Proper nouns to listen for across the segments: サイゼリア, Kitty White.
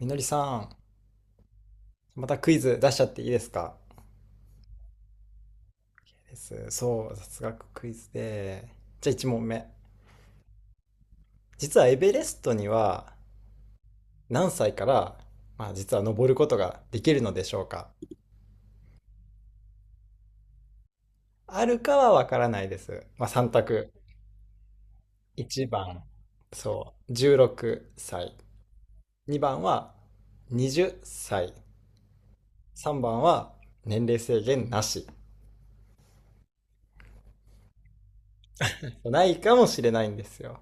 みのりさん、またクイズ出しちゃっていいですか？です。そう、雑学クイズで。じゃあ1問目。実はエベレストには何歳から、実は登ることができるのでしょうか？あるかはわからないです。まあ3択。1番、そう、16歳。2番は20歳。3番は年齢制限なし。ないかもしれないんですよ。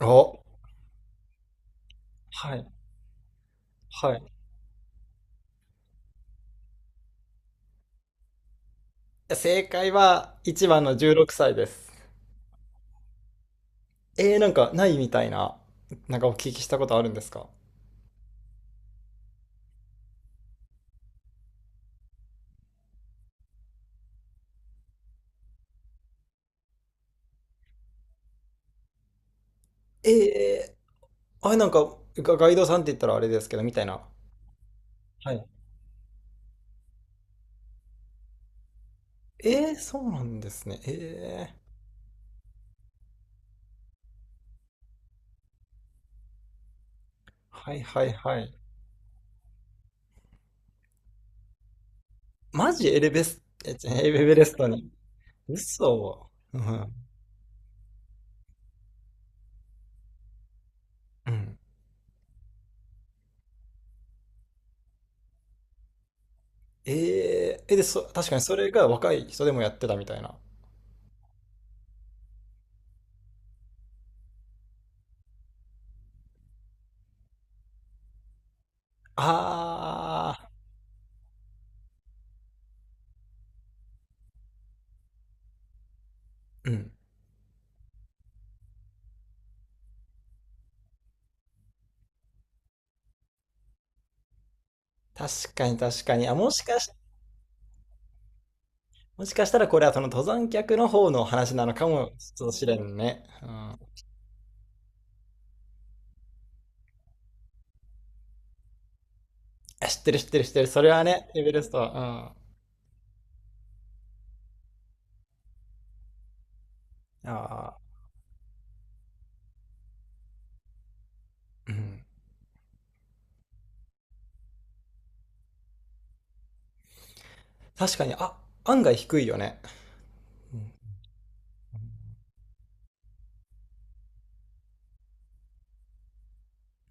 お、はい、はい。正解は1番の16歳です。えー、なんかないみたいな、なんかお聞きしたことあるんですか？えー、あれなんかガイドさんって言ったらあれですけど、みたいな。はい。えー、そうなんですね。えー、はいはいはい。マジエレベス、え、ちエベレストに。嘘。うん。うん。えー、え、で、そ、確かにそれが若い人でもやってたみたいな。あー、うん。確かに確かに。もしかしたらこれはその登山客の方の話なのかもしれんね。うん、知ってる知ってる知ってる。それはね、エベレストは。うん、あーうん、確かに、あ、案外低いよね。うん、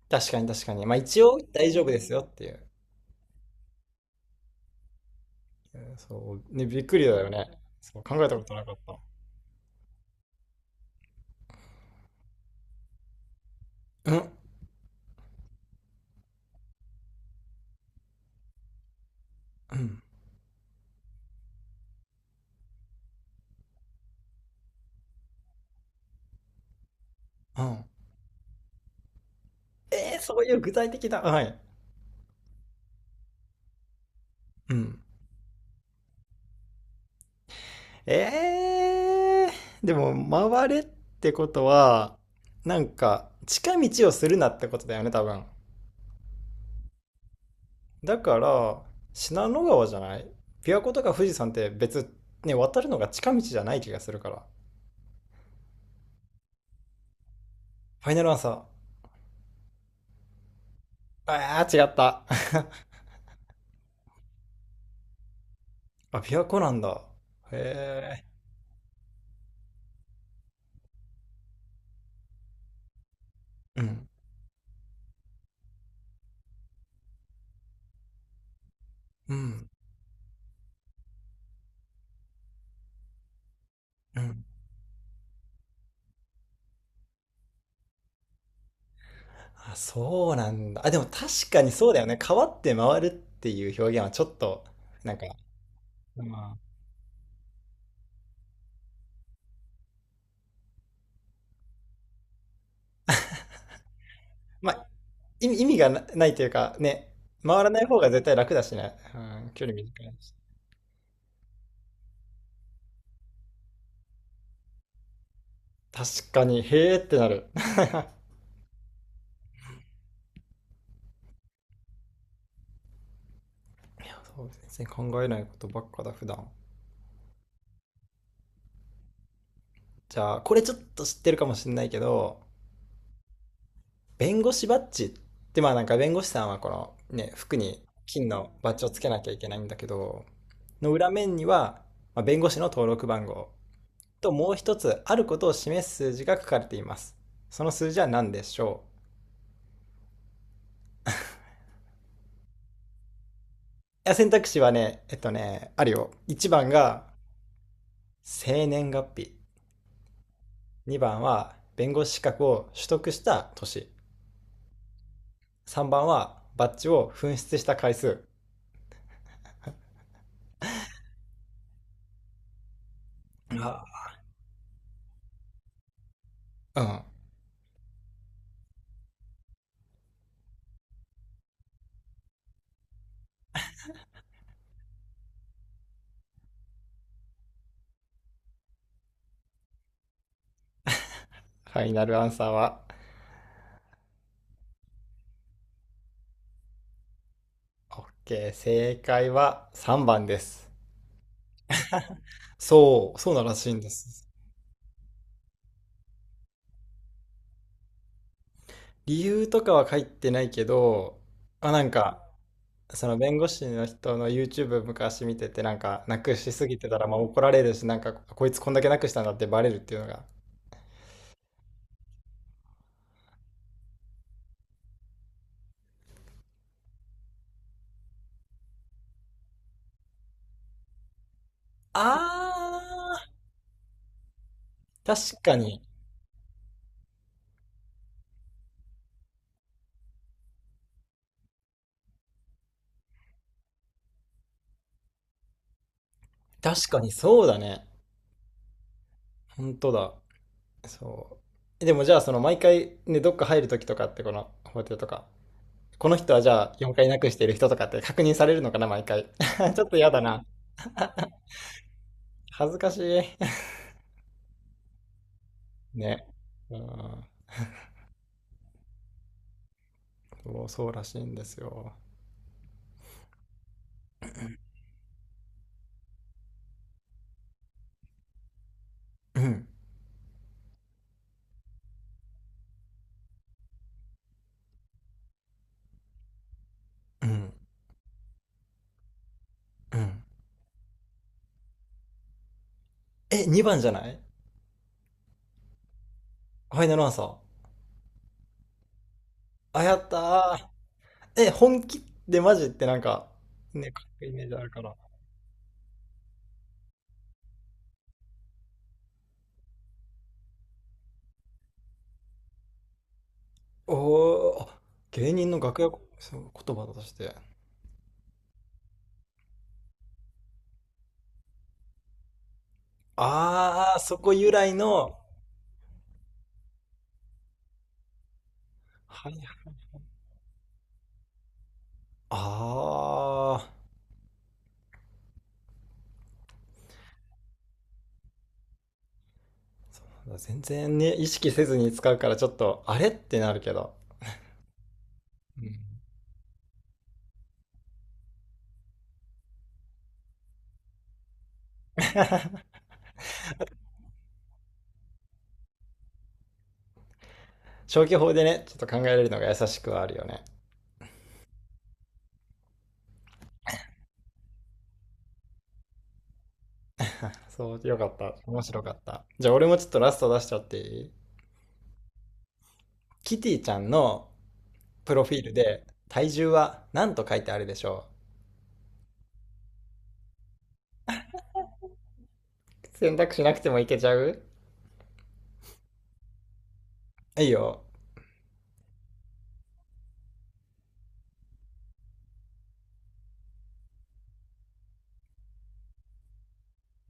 確かに確かに。まあ一応大丈夫ですよっていう。うんそう、ね、びっくりだよね。そう、考えたことなかった。うん、うん、うん。えー、そういう具体的な。はい。うん。えー、でも、回れってことは、なんか、近道をするなってことだよね、多分。だから、信濃川じゃない？琵琶湖とか富士山って別、ね、渡るのが近道じゃない気がするから。ファイナルアンサー。ああ、違った。あ、琵琶湖なんだ。へえ。うん。うん。うん。あ、そうなんだ。あ、でも確かにそうだよね。川って回るっていう表現はちょっと、なんか、まあ、まあ意味がないというか、ね、回らない方が絶対楽だしね。うん、距離短いし。確かに、へえってなる。そうですね、考えないことばっかだ普段。じゃあこれちょっと知ってるかもしれないけど、弁護士バッジってまあなんか弁護士さんはこのね服に金のバッジをつけなきゃいけないんだけどの裏面には、まあ、弁護士の登録番号ともう一つあることを示す数字が書かれています。その数字は何でしょう？いや選択肢はね、ねあるよ。1番が生年月日、2番は弁護士資格を取得した年、3番はバッジを紛失した回数。あ、うん。ファイナルアンサーは、OK。正解は3番です。そう、そうならしいんです。理由とかは書いてないけど、まあ、なんか、その弁護士の人の YouTube 昔見てて、なんか、なくしすぎてたら、まあ怒られるし、なんか、こいつこんだけなくしたんだってバレるっていうのが。あー、確かに。確かにそうだね。本当だ。そう。でもじゃあ、その毎回ね、どっか入るときとかって、この法廷とか、この人はじゃあ4回なくしている人とかって確認されるのかな、毎回。ちょっと嫌だな。恥ずかしい。ね。うん。そう、そうらしいんですよ。うん。うん。うん。え、2番じゃない？ファイナルアンサー。あ、やったー。え、本気でマジってなんか、ね、書くイメージあるから。おー、あ、芸人の楽屋こそう言葉として。あー、そこ由来の、はい。ああ、そうなんだ。全然ね、意識せずに使うからちょっと、あれってなるけど。うん。 消去法でね、ちょっと考えれるのが優しくはあるよね。そう、よかった。面白かった。じゃあ俺もちょっとラスト出しちゃっていい？キティちゃんのプロフィールで体重は何と書いてあるでしょう？選択しなくてもいけちゃう？いいよ。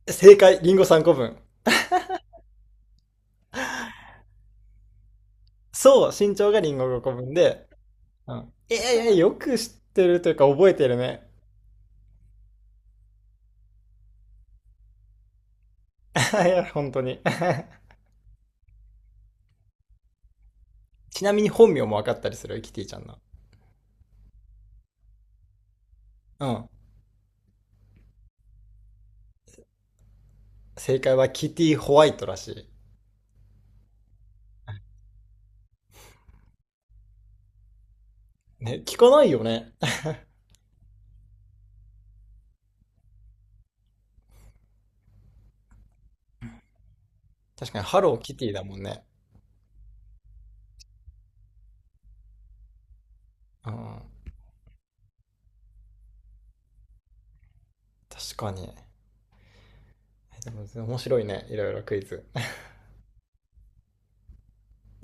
正解、リンゴ3個分。そう、身長がリンゴ5個分で。うん。ええ、よく知ってるというか覚えてるね。いや、本当に。ちなみに本名も分かったりする、キティちゃんの。うん。正解はキティホワイトらしい。ね、聞かないよね。確かに、ハローキティだもんね。うん。確かに。でも面白いね、いろいろクイズ。